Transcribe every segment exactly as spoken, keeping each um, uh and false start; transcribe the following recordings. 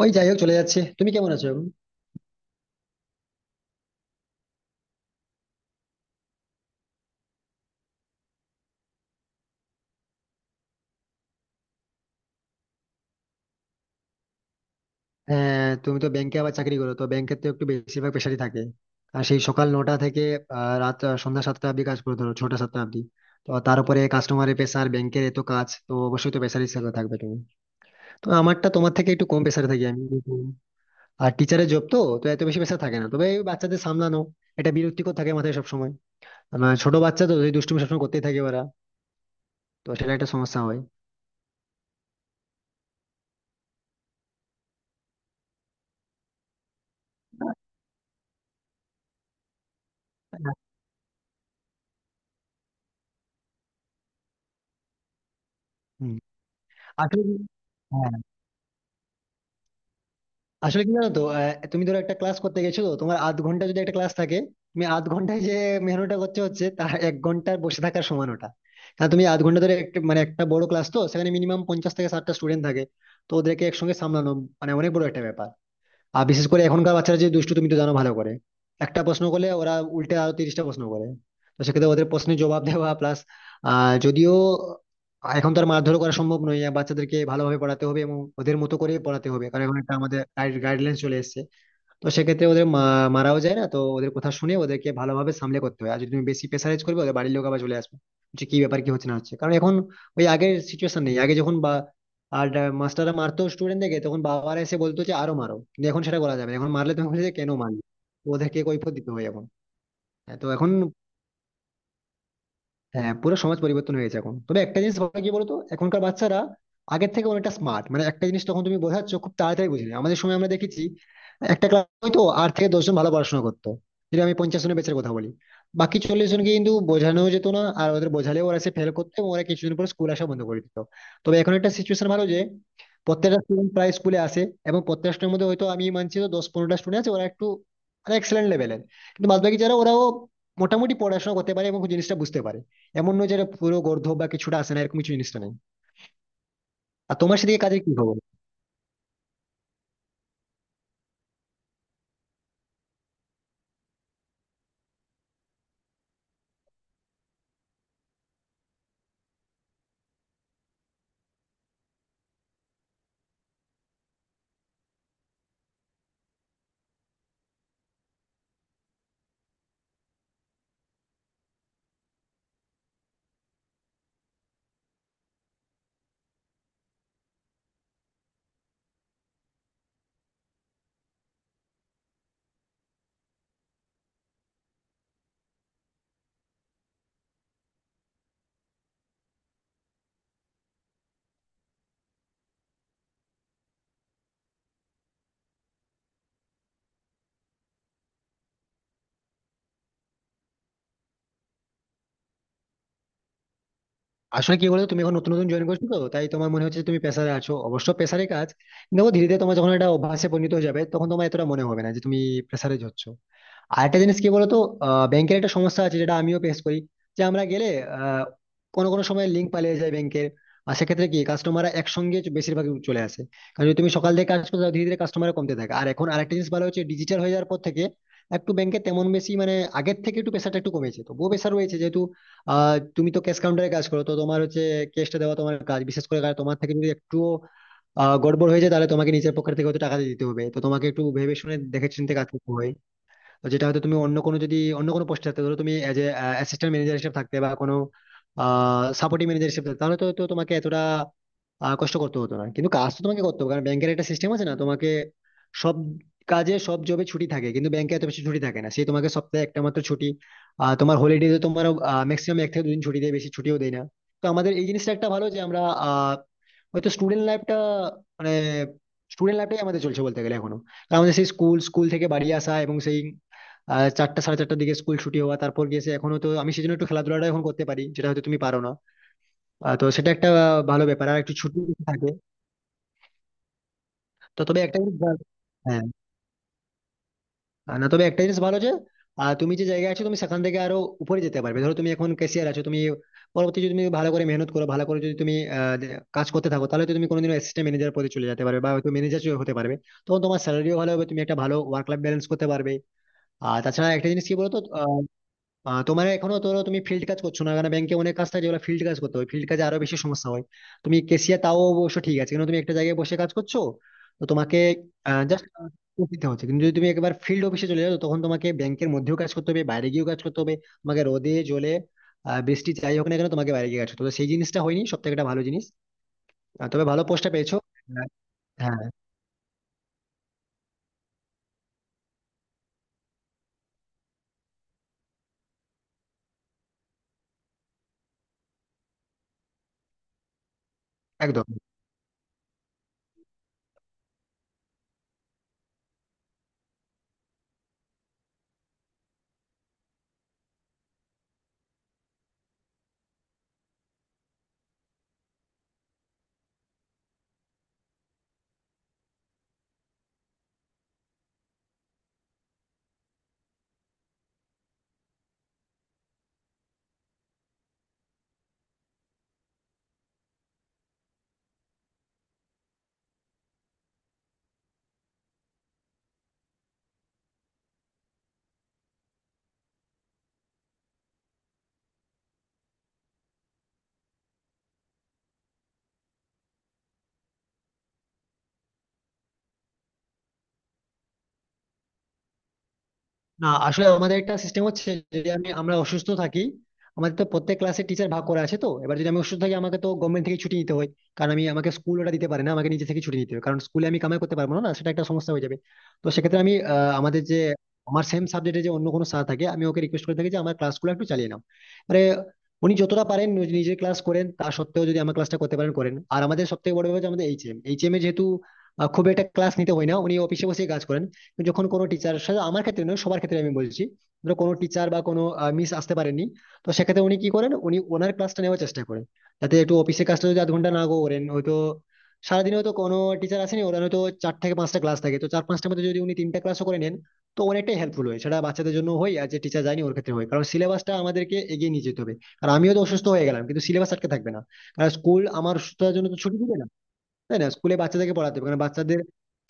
ওই যাই হোক চলে যাচ্ছে। তুমি কেমন আছো এখন? হ্যাঁ, তুমি তো ব্যাংকে আবার চাকরি করো, তো ব্যাংকের তো একটু বেশিরভাগ পেশারই থাকে। আর সেই সকাল নটা থেকে আহ, রাত আহ, সন্ধ্যা সাতটা অব্দি কাজ করে, ধরো ছটা সাতটা অব্দি। তো তারপরে কাস্টমারের পেশার, ব্যাংকের এত কাজ, তো অবশ্যই তো পেশার হিসেবে থাকবে। তুমি, তো আমারটা তোমার থেকে একটু কম পেশারে থাকি আমি। আর টিচারের জব তো তো এত বেশি পেশা থাকে না, তবে এই বাচ্চাদের সামলানো, এটা বিরক্তিকর থাকে মাথায় সবসময়। আমার ছোট বাচ্চা তো, যদি দুষ্টুমি সবসময় করতেই থাকে ওরা, তো সেটা একটা সমস্যা হয়। হুম। আসলে কি- হ্যাঁ, আসলে কি জানো তো, আহ, তুমি ধরো একটা ক্লাস করতে গেছো, তো তোমার আধ ঘন্টা যদি একটা ক্লাস থাকে, তুমি আধ ঘন্টায় যে মেহনতটা করছো, হচ্ছে তা এক ঘন্টার বসে থাকার সমান ওটা। কারণ তুমি আধ ঘন্টা ধরে একটা, মানে একটা বড় ক্লাস, তো সেখানে মিনিমাম পঞ্চাশ থেকে ষাটটা স্টুডেন্ট থাকে। তো ওদেরকে একসঙ্গে সামলানো মানে অনেক বড় একটা ব্যাপার। আর বিশেষ করে এখনকার বাচ্চারা যে দুষ্টু, তুমি তো জানো ভালো করে। একটা প্রশ্ন করলে ওরা উল্টে আরো তিরিশটা প্রশ্ন করে। তো সেক্ষেত্রে ওদের প্রশ্নের জবাব দেওয়া, প্লাস আহ যদিও এখন তো আর মারধর করা সম্ভব নয়, বাচ্চাদেরকে ভালোভাবে পড়াতে হবে এবং ওদের মতো করে পড়াতে হবে, কারণ এখন একটা আমাদের গাইডলাইন চলে এসেছে। তো সেক্ষেত্রে ওদের মা- মারাও যায় না, তো ওদের কথা শুনে ওদেরকে ভালোভাবে সামলে করতে হয়, আর যদি তুমি বেশি প্রেসারাইজ করবে, ওদের বাড়ির লোক আবার চলে আসবে যে কি ব্যাপার, কি হচ্ছে না হচ্ছে। কারণ এখন ওই আগের সিচুয়েশন নেই। আগে যখন বা আর মাস্টাররা মারতো স্টুডেন্টদেরকে, তখন বাবারা এসে বলতো যে আরো মারো, কিন্তু এখন সেটা করা যাবে না। এখন মারলে তুমি বলছে যে কেন মারলে। তো ওদেরকে কৈফিয়ত দিতে হয় এখন। হ্যাঁ, তো এখন হ্যাঁ, পুরো সমাজ পরিবর্তন হয়েছে এখন। তবে একটা জিনিস বলা, কি বলতো, এখনকার বাচ্চারা আগের থেকে অনেকটা স্মার্ট। মানে একটা জিনিস তখন তুমি বোঝাচ্ছ, খুব তাড়াতাড়ি বুঝে নেয়। আমাদের সময় আমরা দেখেছি একটা ক্লাস হয়তো আট থেকে দশজন ভালো পড়াশোনা করতো। যদি আমি পঞ্চাশ জনের ব্যাচের কথা বলি, বাকি চল্লিশ জনকে কিন্তু বোঝানো যেত না। আর ওদের বোঝালেও ওরা সে ফেল করতো এবং ওরা কিছুদিন পর স্কুল আসা বন্ধ করে দিত। তবে এখন একটা সিচুয়েশন ভালো যে প্রত্যেকটা স্টুডেন্ট প্রায় স্কুলে আসে। এবং প্রত্যেকটা স্টুডেন্টের মধ্যে হয়তো আমি মানছি তো, দশ পনেরোটা স্টুডেন্ট আছে ওরা একটু, মানে এক্সেলেন্ট লেভেলের, কিন্তু বাদবাকি যারা ওরাও মোটামুটি পড়াশোনা করতে পারে এবং জিনিসটা বুঝতে পারে। এমন নয় যে এটা পুরো গর্ধব বা কিছুটা আসে না, এরকম কিছু জিনিসটা নেই। আর তোমার সেদিকে কাজের কি খবর? আসলে কি বলতো, তুমি এখন নতুন নতুন জয়েন করছো, তো তাই তোমার মনে হচ্ছে যে তুমি প্রেসারে আছো। অবশ্য প্রেসারে কাজ, দেখো ধীরে ধীরে তোমার যখন এটা অভ্যাসে পরিণত হয়ে যাবে, তখন তোমার এতটা মনে হবে না যে তুমি প্রেসারে যাচ্ছ। আর একটা জিনিস কি বলতো, আহ, ব্যাংকের একটা সমস্যা আছে যেটা আমিও ফেস করি, যে আমরা গেলে আহ, কোনো কোনো সময় লিঙ্ক পালিয়ে যায় ব্যাংকের। আর সেক্ষেত্রে কি কাস্টমাররা একসঙ্গে চ- বেশিরভাগ চলে আসে। কারণ যদি তুমি সকাল থেকে কাজ করতে যাও, ধীরে ধীরে কাস্টমার কমতে থাকে। আর এখন আরেকটা জিনিস ভালো হচ্ছে, ডিজিটাল হয়ে যাওয়ার পর থেকে একটু ব্যাংকে তেমন বেশি মানে আগের থেকে একটু প্রেশারটা একটু কমেছে। তো তবুও প্রেশার রয়েছে, যেহেতু আহ তুমি তো ক্যাশ কাউন্টারে কাজ করো, তো তোমার হচ্ছে ক্যাশটা দেওয়া তোমার কাজ বিশেষ করে। কারণ তোমার থেকে যদি একটু গড়বড় হয়ে যায়, তাহলে তোমাকে নিজের পকেট থেকে হয়তো টাকা দিয়ে দিতে হবে। তো তোমাকে একটু ভেবে শুনে দেখে চিনতে কাজ করতে হয়, যেটা হয়তো তুমি অন্য কোনো, যদি অন্য কোনো পোস্টে থাকতে, ধরো তুমি এজ এ অ্যাসিস্ট্যান্ট ম্যানেজার হিসেবে থাকতে বা কোনো সাপোর্টিং ম্যানেজার হিসেবে থাকতে, তাহলে তো তো তোমাকে এতটা আহ, কষ্ট করতে হতো না। কিন্তু কাজ তো তোমাকে করতে হবে, কারণ ব্যাংকের একটা সিস্টেম আছে না, তোমাকে সব কাজে, সব জবে ছুটি থাকে কিন্তু ব্যাংকে এত বেশি ছুটি থাকে না। সেই তোমাকে সপ্তাহে একটা মাত্র ছুটি, আহ, তোমার হলিডে, তোমার ম্যাক্সিমাম এক থেকে দুদিন ছুটি দেয়, বেশি ছুটিও দেয় না। তো আমাদের এই জিনিসটা একটা ভালো যে আমরা হয়তো স্টুডেন্ট লাইফটা, মানে স্টুডেন্ট লাইফটাই আমাদের চলছে বলতে গেলে এখনো। কারণ আমাদের সেই স্কুল স্কুল থেকে বাড়ি আসা এবং সেই আহ, চারটা সাড়ে চারটার দিকে স্কুল ছুটি হওয়া, তারপর গিয়ে সে এখনো তো আমি সেই জন্য একটু খেলাধুলাটা এখন করতে পারি যেটা হয়তো তুমি পারো না। আহ, তো সেটা একটা ভালো ব্যাপার, আর একটু ছুটি থাকে। তো তবে একটা জিনিস ভালো- হ্যাঁ, আহ, না তবে একটা জিনিস ভালো যে আহ, তুমি যে জায়গায় আছো, তুমি সেখান থেকে আরো উপরে যেতে পারবে। ধরো তুমি এখন ক্যাশিয়ার আছো, তুমি পরবর্তী, যদি তুমি ভালো করে মেহনত করো, ভালো করে যদি তুমি আহ, দে- কাজ করতে থাকো, তাহলে তো তুমি কোনোদিন অ্যাসিস্ট্যান্ট ম্যানেজার পদে চলে যেতে পারবে বা হয়তো ম্যানেজার হতে পারবে। তখন তোমার স্যালারিও ভালো হবে, তুমি একটা ভালো ওয়ার্ক লাইফ ব্যালেন্স করতে পারবে। আর তাছাড়া একটা জিনিস কি বলতো, আহ তোমার এখনো, ধরো তুমি ফিল্ড কাজ করছো না, কারণ ব্যাংকে অনেক কাজ থাকে যেগুলো ফিল্ড কাজ করতে হয়, ফিল্ড কাজে আরো বেশি সমস্যা হয়। তুমি কেসিয়ার তাও অবশ্য ঠিক আছে, কিন্তু তুমি একটা জায়গায় বসে কাজ করছো, তো তোমাকে জাস্ট দিতে হচ্ছে। কিন্তু যদি তুমি একবার ফিল্ড অফিসে চলে যাও, তখন তোমাকে ব্যাংকের মধ্যেও কাজ করতে হবে, বাইরে গিয়েও কাজ করতে হবে, তোমাকে রোদে জলে আহ, বৃষ্টি যাই হোক না কেন তোমাকে বাইরে গিয়ে কাজ করতে হবে। তো সেই জিনিসটা হয়নি, সব থেকে একটা ভালো জিনিস। আহ, তবে ভালো পোস্টটা পেয়েছো। আহ, হ্যাঁ, একদম। না, আসলে আমাদের একটা সিস্টেম হচ্ছে, যদি আমি, আমরা অসুস্থ থাকি, আমাদের তো প্রত্যেক ক্লাসে টিচার ভাগ করা আছে, তো এবার যদি আমি অসুস্থ থাকি, আমাকে তো গভর্নমেন্ট থেকে ছুটি নিতে হয়। কারণ আমি, আমাকে স্কুল ওটা দিতে পারে না, আমাকে নিজে থেকে ছুটি নিতে হবে, কারণ স্কুলে আমি কামাই করতে পারবো না, না, সেটা একটা সমস্যা হয়ে যাবে। তো সেক্ষেত্রে আমি আহ, আমাদের যে আমার সেম সাবজেক্টে যে অন্য কোনো স্যার থাকে, আমি ওকে রিকোয়েস্ট করে থাকি যে আমার ক্লাসগুলো একটু চালিয়ে নাও, মানে উনি যতটা পারেন নিজ- নিজের ক্লাস করেন, তা সত্ত্বেও যদি আমার ক্লাসটা করতে পারেন করেন। আর আমাদের সব থেকে বড় ব্যাপার হচ্ছে, আমাদের এইচএম এইচএম এ যেহেতু আহ, খুব একটা ক্লাস নিতে হয় না, উনি অফিসে বসে কাজ করেন। যখন কোনো টিচার, আমার ক্ষেত্রে নয়, সবার ক্ষেত্রে আমি বলছি, ধরো কোনো টিচার বা কোনো মিস আসতে পারেননি, তো সেক্ষেত্রে উনি কি করেন, উনি ওনার ক্লাসটা নেওয়ার চেষ্টা করেন, যাতে একটু অফিসের কাজটা যদি আধ ঘন্টা না করেন হয়তো, সারাদিনে হয়তো কোনো টিচার আসেনি, ওরা হয়তো চার থেকে পাঁচটা ক্লাস থাকে, তো চার পাঁচটার মধ্যে যদি উনি তিনটা ক্লাসও করে নেন, তো অনেকটাই হেল্পফুল হয়, সেটা বাচ্চাদের জন্য হয় আর যে টিচার যায়নি ওর ক্ষেত্রে হয়, কারণ সিলেবাসটা আমাদেরকে এগিয়ে নিয়ে যেতে হবে। আর আমিও তো অসুস্থ হয়ে গেলাম, কিন্তু সিলেবাস আটকে থাকবে না, কারণ স্কুল আমার অসুস্থতার জন্য তো ছুটি দিবে না। তাই না, স্কুলে বাচ্চাদেরকে পড়াতে হবে, কারণ বাচ্চাদের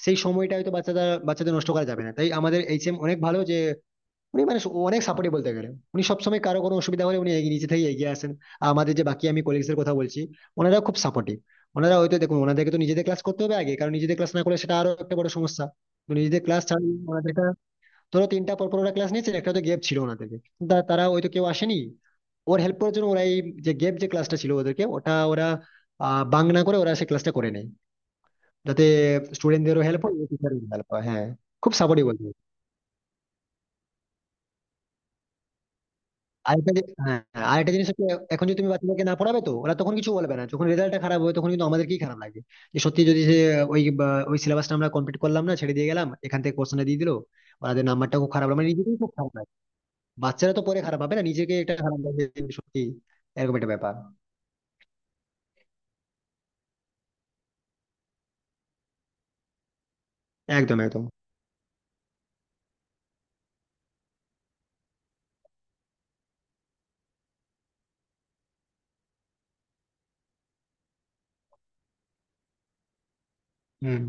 সেই সময়টা হয়তো বাচ্চারা, বাচ্চাদের নষ্ট করা যাবে না। তাই আমাদের এইচ এম অনেক ভালো যে উনি, মানে অনেক সাপোর্টিভ বলতে গেলে। উনি সবসময় কারো কোনো অসুবিধা হলে উনি এগিয়ে- নিজে থেকে এগিয়ে আসেন। আর আমাদের যে বাকি, আমি কলিগসের কথা বলছি, ওনারা খুব সাপোর্টিভ। ওনারা হয়তো দেখুন, ওনাদেরকে তো নিজেদের ক্লাস করতে হবে আগে, কারণ নিজেদের ক্লাস না করলে সেটা আরো একটা বড় সমস্যা। তো নিজেদের ক্লাস ছাড়া ওনাদের একটা- ধরো তিনটা পর পর ওরা ক্লাস নিয়েছে, একটা তো গ্যাপ ছিল ওনাদেরকে, তা- তারা হয়তো কেউ আসেনি। ওর হেল্প করার জন্য ওরা এই যে গ্যাপ যে ক্লাসটা ছিল ওদেরকে, ওটা ওরা আহ বাং না করে ওরা সেই ক্লাসটা করে নেয়, যাতে স্টুডেন্টদেরও হেল্প হয় টিচারেরও হেল্প হয়, হ্যাঁ। খুব সাপোর্টিভ বলতে হবে। আরেকটা যে- হ্যাঁ হ্যাঁ, আরেকটা জিনিস হচ্ছে, এখন যদি তুমি বাচ্চাদেরকে না পড়াবে তো ওরা তখন কিছু বলবে না, যখন রেজাল্টটা খারাপ হবে তখন কিন্তু আমাদেরকেই খারাপ লাগবে যে সত্যি যদি সে ওই বা, ওই সিলেবাসটা আমরা কমপ্লিট করলাম না, ছেড়ে দিয়ে গেলাম, এখান থেকে কোশ্চেনটা দিয়ে দিলো, ওদের নাম্বারটা খুব খারাপ হলো। মানে নিজেকেই খুব খারাপ লাগে, বাচ্চারা তো পরে খারাপ হবে না, নিজেকে একটা খারাপ লাগবে যে সত্যি এরকম একটা ব্যাপার। একদম একদম। হম।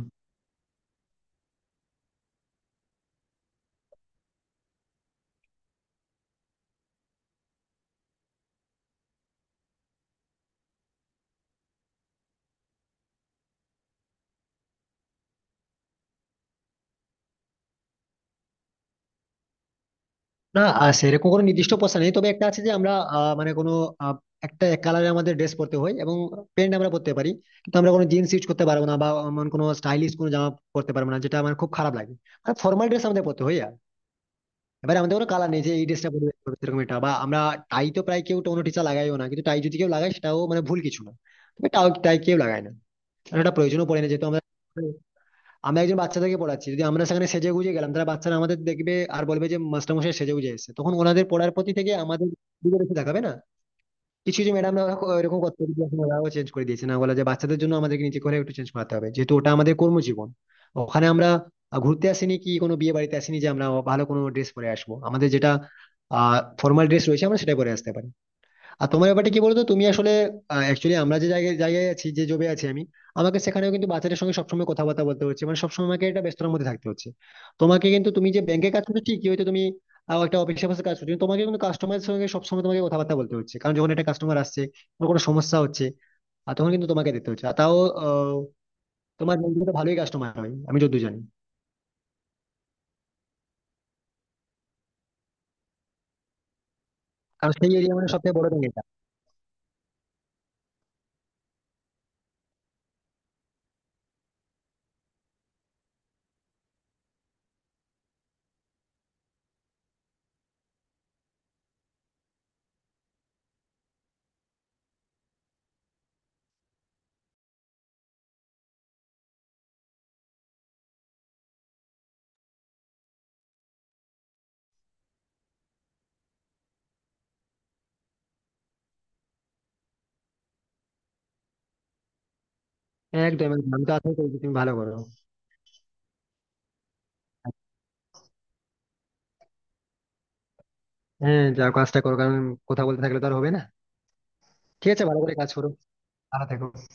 না, আহ, সেরকম কোনো নির্দিষ্ট পোশাক নেই, তবে একটা আছে যে আমরা আহ, মানে কোনো আহ, একটা এক কালারে আমাদের ড্রেস পরতে হয় এবং প্যান্ট আমরা পরতে পারি, কিন্তু আমরা কোনো জিন্স ইউজ করতে পারবো না বা এমন কোনো স্টাইলিশ কোনো জামা পরতে পারবো না, যেটা আমার খুব খারাপ লাগে। আর ফর্মাল ড্রেস আমাদের পরতে হয়। আর এবার আমাদের কোনো কালার নেই যে এই ড্রেসটা পরে পরবে সেরকম, এটা বা আমরা। টাই তো প্রায় কেউ, কোনো টিচার লাগাইও না, কিন্তু টাই যদি কেউ লাগায় সেটাও মানে ভুল কিছু না। তবে টাই টাই কেউ লাগায় না, কারণ এটা প্রয়োজনও পড়ে না, যেহেতু আমরা, আমরা একজন বাচ্চাদেরকে পড়াচ্ছি, যদি আমরা সেখানে সেজে গুজে গেলাম তাহলে বাচ্চারা আমাদের দেখবে আর বলবে যে মাস্টারমশাই সেজে গুজে এসেছে, তখন ওনাদের পড়ার প্রতি থেকে আমাদের দিকে বেশি তাকাবে না। কিছু কিছু ম্যাডামরা এরকম করতে, ওরাও চেঞ্জ করে দিয়েছে, না বলে যে বাচ্চাদের জন্য আমাদেরকে নিজে করে একটু চেঞ্জ করাতে হবে, যেহেতু ওটা আমাদের কর্মজীবন, ওখানে আমরা ঘুরতে আসিনি কি কোনো বিয়ে বাড়িতে আসিনি, যে আমরা ভালো কোনো ড্রেস পরে আসবো। আমাদের যেটা আহ ফর্মাল ড্রেস রয়েছে আমরা সেটা পরে আসতে পারি। আর তোমার ব্যাপারটা কি বলতো, তুমি আসলে, অ্যাকচুয়ালি আমরা যে জায়গায় জায়গায় আছি, যে জবে আছি, আমি আমাকে সেখানেও কিন্তু বাচ্চাদের সঙ্গে সবসময় কথাবার্তা বলতে হচ্ছে, মানে সবসময় আমাকে একটা ব্যস্ততার মধ্যে থাকতে হচ্ছে। তোমাকে, কিন্তু তুমি যে ব্যাংকে কাজ করছো, ঠিকই হয়তো তুমি আহ, একটা অফিসের পাশে কাজ করছো, কিন্তু তোমাকে কিন্তু কাস্টমারের সঙ্গে সবসময় তোমাকে কথাবার্তা বলতে হচ্ছে। কারণ যখন একটা কাস্টমার আসছে কোনো কোনো সমস্যা হচ্ছে, আর তখন কিন্তু তোমাকে দেখতে হচ্ছে, আর তাও আহ, তোমার ব্যাংক কিন্তু ভালোই কাস্টমার হয় আমি যতদূর জানি। কারণ সেই এরিয়া মানে সবথেকে বড় ব্যাংক এটা। একদম একদম। আমি তো আশাই করি যে তুমি ভালো করো। হ্যাঁ, যাও কাজটা করো, কারণ কথা বলতে থাকলে তো আর হবে না। ঠিক আছে, ভালো করে কাজ করো। Ahora te